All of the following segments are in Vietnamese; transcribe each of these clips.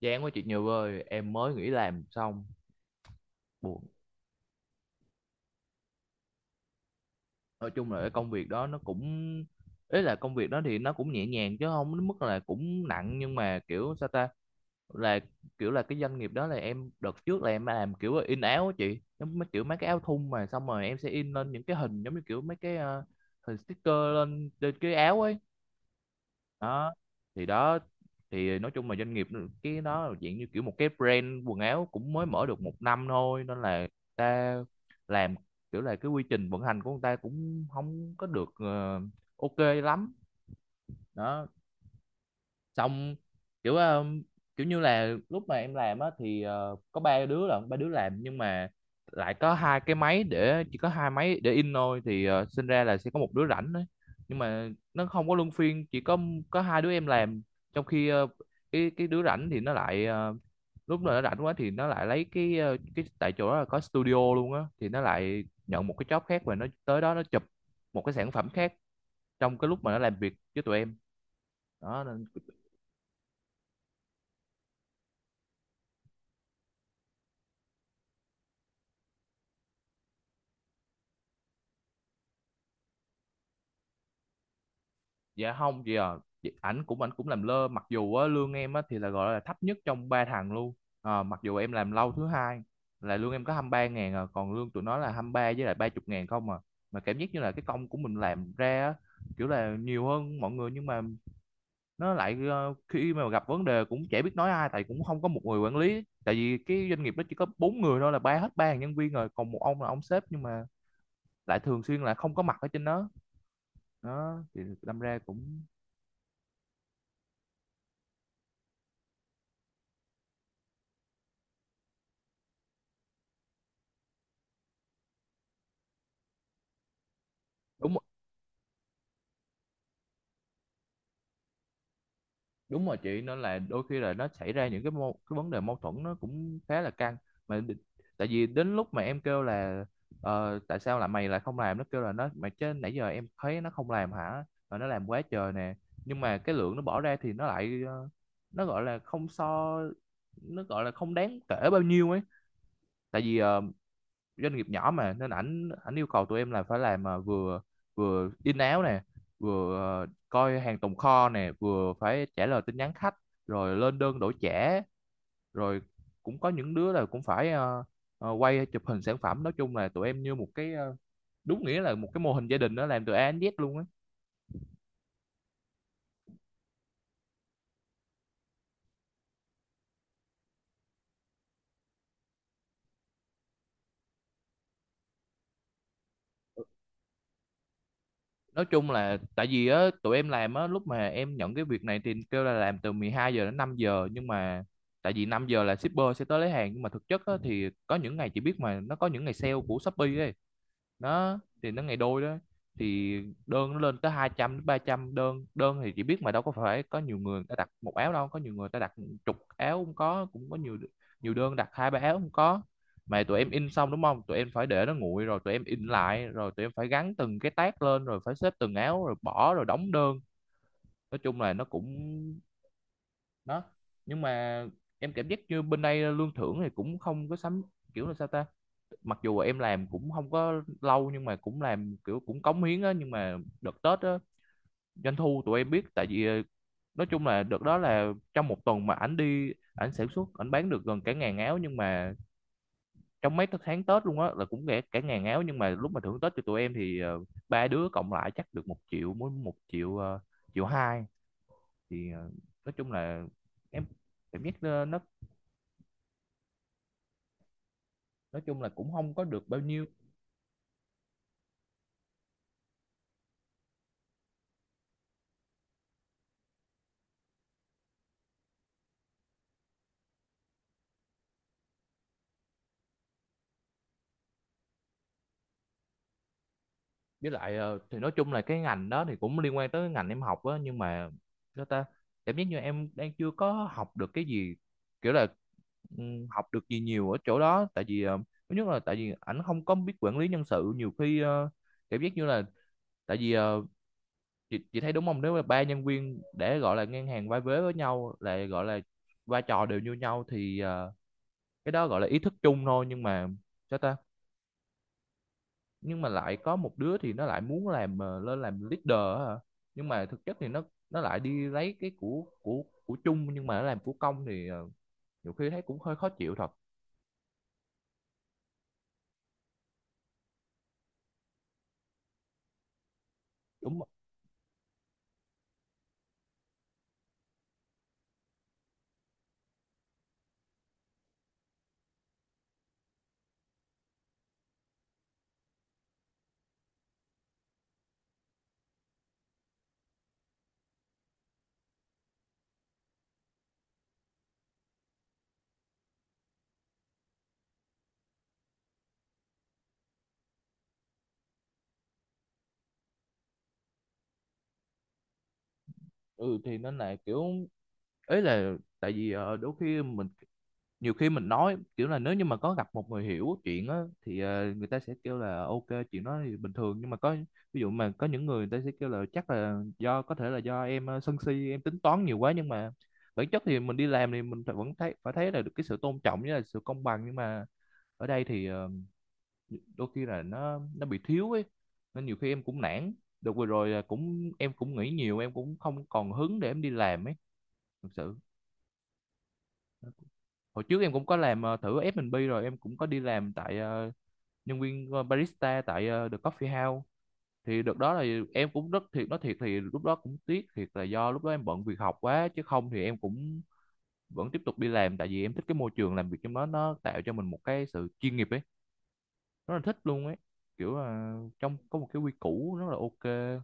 Chán quá chị Như ơi, em mới nghỉ làm xong, buồn. Nói chung là cái công việc đó nó cũng ý là công việc đó thì nó cũng nhẹ nhàng chứ không đến mức là cũng nặng, nhưng mà kiểu sao ta là kiểu là cái doanh nghiệp đó là em đợt trước là em làm kiểu in áo á chị, giống mấy kiểu mấy cái áo thun mà xong rồi em sẽ in lên những cái hình giống như kiểu mấy cái hình sticker lên trên cái áo ấy đó. Thì đó thì nói chung là doanh nghiệp cái đó là dạng như kiểu một cái brand quần áo cũng mới mở được một năm thôi, nên là người ta làm kiểu là cái quy trình vận hành của người ta cũng không có được ok lắm đó. Xong kiểu kiểu như là lúc mà em làm á thì có ba đứa là ba đứa làm, nhưng mà lại có hai cái máy để, chỉ có hai máy để in thôi, thì sinh ra là sẽ có một đứa rảnh đấy. Nhưng mà nó không có luân phiên, chỉ có hai đứa em làm, trong khi cái đứa rảnh thì nó lại lúc nào nó rảnh quá thì nó lại lấy cái cái, tại chỗ đó là có studio luôn á, thì nó lại nhận một cái job khác và nó tới đó nó chụp một cái sản phẩm khác trong cái lúc mà nó làm việc với tụi em đó nên. Dạ không chị à. Ảnh cũng làm lơ, mặc dù á, lương em á, thì là gọi là thấp nhất trong ba thằng luôn. Mặc dù em làm lâu thứ hai, là lương em có 23 ngàn à, còn lương tụi nó là 23 với lại 30 ngàn không à, mà cảm giác như là cái công của mình làm ra á, kiểu là nhiều hơn mọi người, nhưng mà nó lại khi mà gặp vấn đề cũng chả biết nói ai, tại cũng không có một người quản lý, tại vì cái doanh nghiệp nó chỉ có bốn người thôi, là ba hết ba nhân viên rồi còn một ông là ông sếp, nhưng mà lại thường xuyên là không có mặt ở trên đó. Đó thì đâm ra cũng đúng. Đúng rồi chị, nên là đôi khi là nó xảy ra những cái cái vấn đề mâu thuẫn, nó cũng khá là căng mà tại vì đến lúc mà em kêu là tại sao là mày lại không làm, nó kêu là nó mà, chứ nãy giờ em thấy nó không làm hả, mà nó làm quá trời nè, nhưng mà cái lượng nó bỏ ra thì nó lại nó gọi là không so, nó gọi là không đáng kể bao nhiêu ấy, tại vì doanh nghiệp nhỏ mà, nên ảnh ảnh yêu cầu tụi em là phải làm à, vừa vừa in áo nè, vừa coi hàng tồn kho nè, vừa phải trả lời tin nhắn khách, rồi lên đơn đổi trả, rồi cũng có những đứa là cũng phải quay chụp hình sản phẩm, nói chung là tụi em như một cái đúng nghĩa là một cái mô hình gia đình đó, làm từ A đến Z luôn á. Nói chung là tại vì á tụi em làm á, lúc mà em nhận cái việc này thì kêu là làm từ 12 giờ đến 5 giờ, nhưng mà tại vì 5 giờ là shipper sẽ tới lấy hàng, nhưng mà thực chất á, thì có những ngày chị biết mà, nó có những ngày sale của Shopee ấy, nó thì nó ngày đôi đó, thì đơn nó lên tới 200 đến 300 đơn. Đơn thì chỉ biết mà, đâu có phải có nhiều người, người ta đặt một áo đâu, có nhiều người ta đặt chục áo cũng có, cũng có nhiều, nhiều đơn đặt hai ba áo cũng có, mà tụi em in xong đúng không, tụi em phải để nó nguội rồi tụi em in lại, rồi tụi em phải gắn từng cái tag lên, rồi phải xếp từng áo, rồi bỏ, rồi đóng đơn, nói chung là nó cũng đó. Nhưng mà em cảm giác như bên đây lương thưởng thì cũng không có sắm, kiểu là sao ta, mặc dù em làm cũng không có lâu nhưng mà cũng làm kiểu cũng cống hiến á, nhưng mà đợt Tết á, doanh thu tụi em biết, tại vì nói chung là đợt đó là trong một tuần mà ảnh đi ảnh sản xuất ảnh bán được gần cả ngàn áo, nhưng mà trong mấy cái tháng Tết luôn á là cũng cả cả ngàn áo, nhưng mà lúc mà thưởng Tết cho tụi em thì ba đứa cộng lại chắc được 1 triệu, mỗi 1 triệu 1,2 triệu, thì nói chung là em cảm giác nó nói chung là cũng không có được bao nhiêu. Với lại thì nói chung là cái ngành đó thì cũng liên quan tới cái ngành em học á, nhưng mà sao ta, cảm giác như em đang chưa có học được cái gì, kiểu là ừ, học được gì nhiều ở chỗ đó, tại vì thứ nhất là tại vì ảnh không có biết quản lý nhân sự, nhiều khi cảm giác như là, tại vì chị thấy đúng không, nếu mà ba nhân viên để gọi là ngang hàng vai vế với nhau là gọi là vai trò đều như nhau thì cái đó gọi là ý thức chung thôi, nhưng mà sao ta, nhưng mà lại có một đứa thì nó lại muốn làm lên làm leader á hả, nhưng mà thực chất thì nó lại đi lấy cái của chung, nhưng mà nó làm của công, thì nhiều khi thấy cũng hơi khó chịu thật. Đúng. Ừ thì nên là kiểu ấy là, tại vì đôi khi mình, nhiều khi mình nói kiểu là, nếu như mà có gặp một người hiểu chuyện á thì người ta sẽ kêu là ok, chuyện đó thì bình thường, nhưng mà có ví dụ mà có những người, người ta sẽ kêu là chắc là do, có thể là do em sân si, em tính toán nhiều quá, nhưng mà bản chất thì mình đi làm thì mình phải, vẫn thấy, phải thấy là được cái sự tôn trọng với là sự công bằng, nhưng mà ở đây thì đôi khi là nó bị thiếu ấy, nên nhiều khi em cũng nản, được vừa rồi là cũng em cũng nghĩ nhiều, em cũng không còn hứng để em đi làm ấy, thực sự. Hồi trước em cũng có làm thử F&B, rồi em cũng có đi làm tại nhân viên barista tại The Coffee House, thì đợt đó là em cũng rất thiệt, nói thiệt thì lúc đó cũng tiếc thiệt, là do lúc đó em bận việc học quá chứ không thì em cũng vẫn tiếp tục đi làm, tại vì em thích cái môi trường làm việc trong đó, nó tạo cho mình một cái sự chuyên nghiệp ấy, rất là thích luôn ấy, kiểu là trong có một cái quy củ rất là ok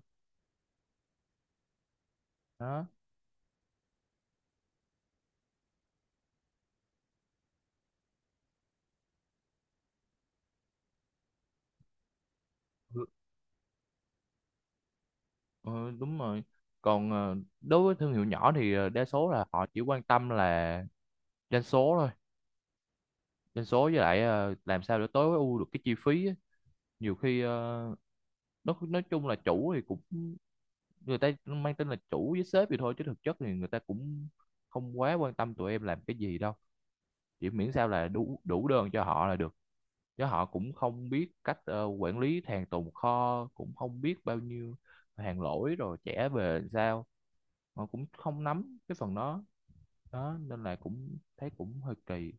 đó. Ừ, ờ, đúng rồi, còn đối với thương hiệu nhỏ thì đa số là họ chỉ quan tâm là doanh số thôi, doanh số với lại làm sao để tối ưu được cái chi phí á. Nhiều khi nó nói chung là chủ thì cũng, người ta mang tên là chủ với sếp vậy thôi, chứ thực chất thì người ta cũng không quá quan tâm tụi em làm cái gì đâu, chỉ miễn sao là đủ đủ đơn cho họ là được, chứ họ cũng không biết cách quản lý hàng tồn kho, cũng không biết bao nhiêu hàng lỗi rồi trả về làm sao, họ cũng không nắm cái phần đó, đó nên là cũng thấy cũng hơi kỳ.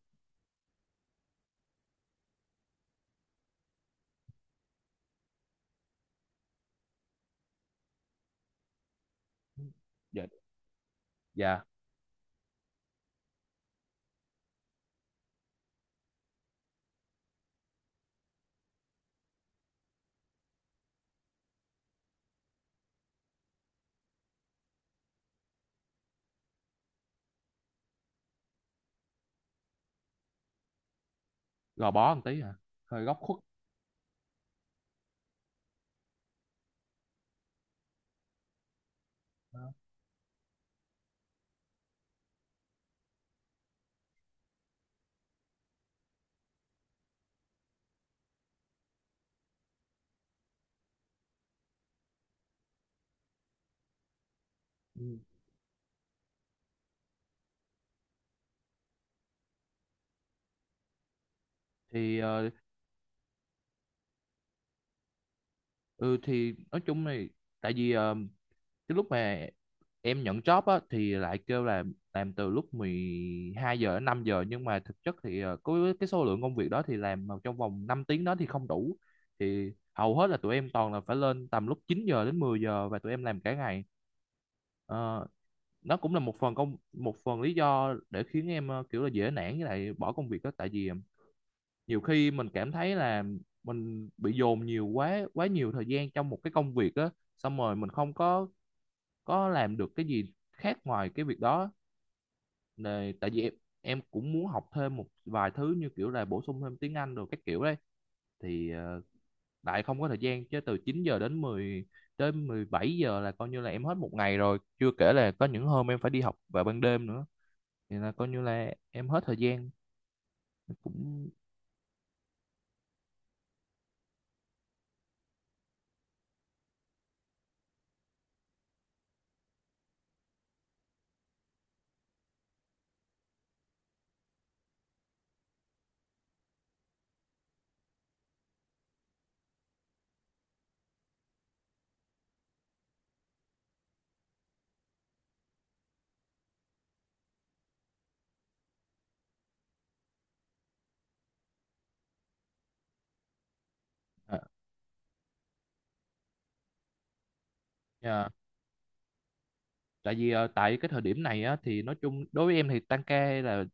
Dạ, dạ, gò bó một tí hả, hơi góc khuất. Ừ. Thì ừ thì nói chung này, tại vì cái lúc mà em nhận job á thì lại kêu là làm từ lúc 12 giờ đến 5 giờ, nhưng mà thực chất thì có cái số lượng công việc đó thì làm mà trong vòng 5 tiếng đó thì không đủ, thì hầu hết là tụi em toàn là phải lên tầm lúc 9 giờ đến 10 giờ và tụi em làm cả ngày. Ờ, nó cũng là một phần công, một phần lý do để khiến em kiểu là dễ nản với lại bỏ công việc đó, tại vì nhiều khi mình cảm thấy là mình bị dồn nhiều quá, quá nhiều thời gian trong một cái công việc á, xong rồi mình không có, có làm được cái gì khác ngoài cái việc đó. Nè, tại vì em cũng muốn học thêm một vài thứ như kiểu là bổ sung thêm tiếng Anh rồi các kiểu đấy, thì lại không có thời gian, chứ từ 9 giờ đến 10 đến 17 giờ là coi như là em hết một ngày rồi, chưa kể là có những hôm em phải đi học vào ban đêm nữa, thì là coi như là em hết thời gian cũng. À, tại vì tại cái thời điểm này á thì nói chung đối với em thì tăng ca hay là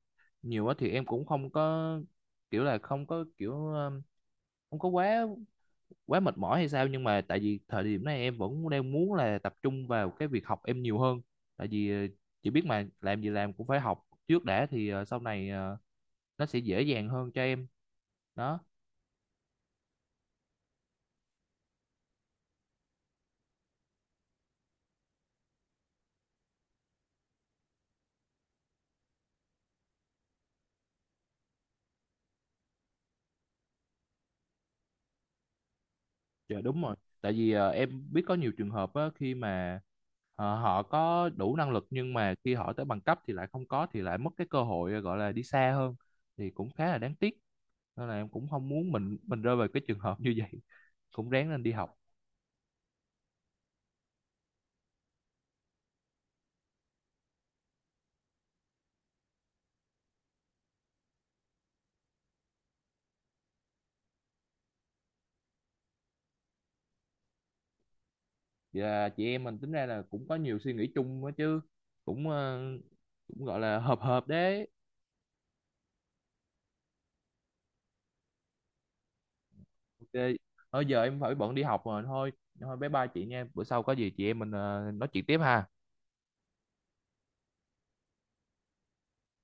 nhiều á thì em cũng không có, kiểu là không có kiểu không có quá, quá mệt mỏi hay sao, nhưng mà tại vì thời điểm này em vẫn đang muốn là tập trung vào cái việc học em nhiều hơn, tại vì chị biết mà, làm gì làm cũng phải học trước đã, thì sau này nó sẽ dễ dàng hơn cho em đó. Dạ đúng rồi. Tại vì em biết có nhiều trường hợp á, khi mà họ có đủ năng lực, nhưng mà khi họ tới bằng cấp thì lại không có, thì lại mất cái cơ hội gọi là đi xa hơn, thì cũng khá là đáng tiếc. Nên là em cũng không muốn mình rơi vào cái trường hợp như vậy. Cũng ráng lên đi học. Và chị em mình tính ra là cũng có nhiều suy nghĩ chung á chứ. Cũng cũng gọi là hợp hợp đấy. Ok. Thôi giờ em phải bận đi học rồi thôi. Thôi bye bye chị nha. Bữa sau có gì chị em mình nói chuyện tiếp ha.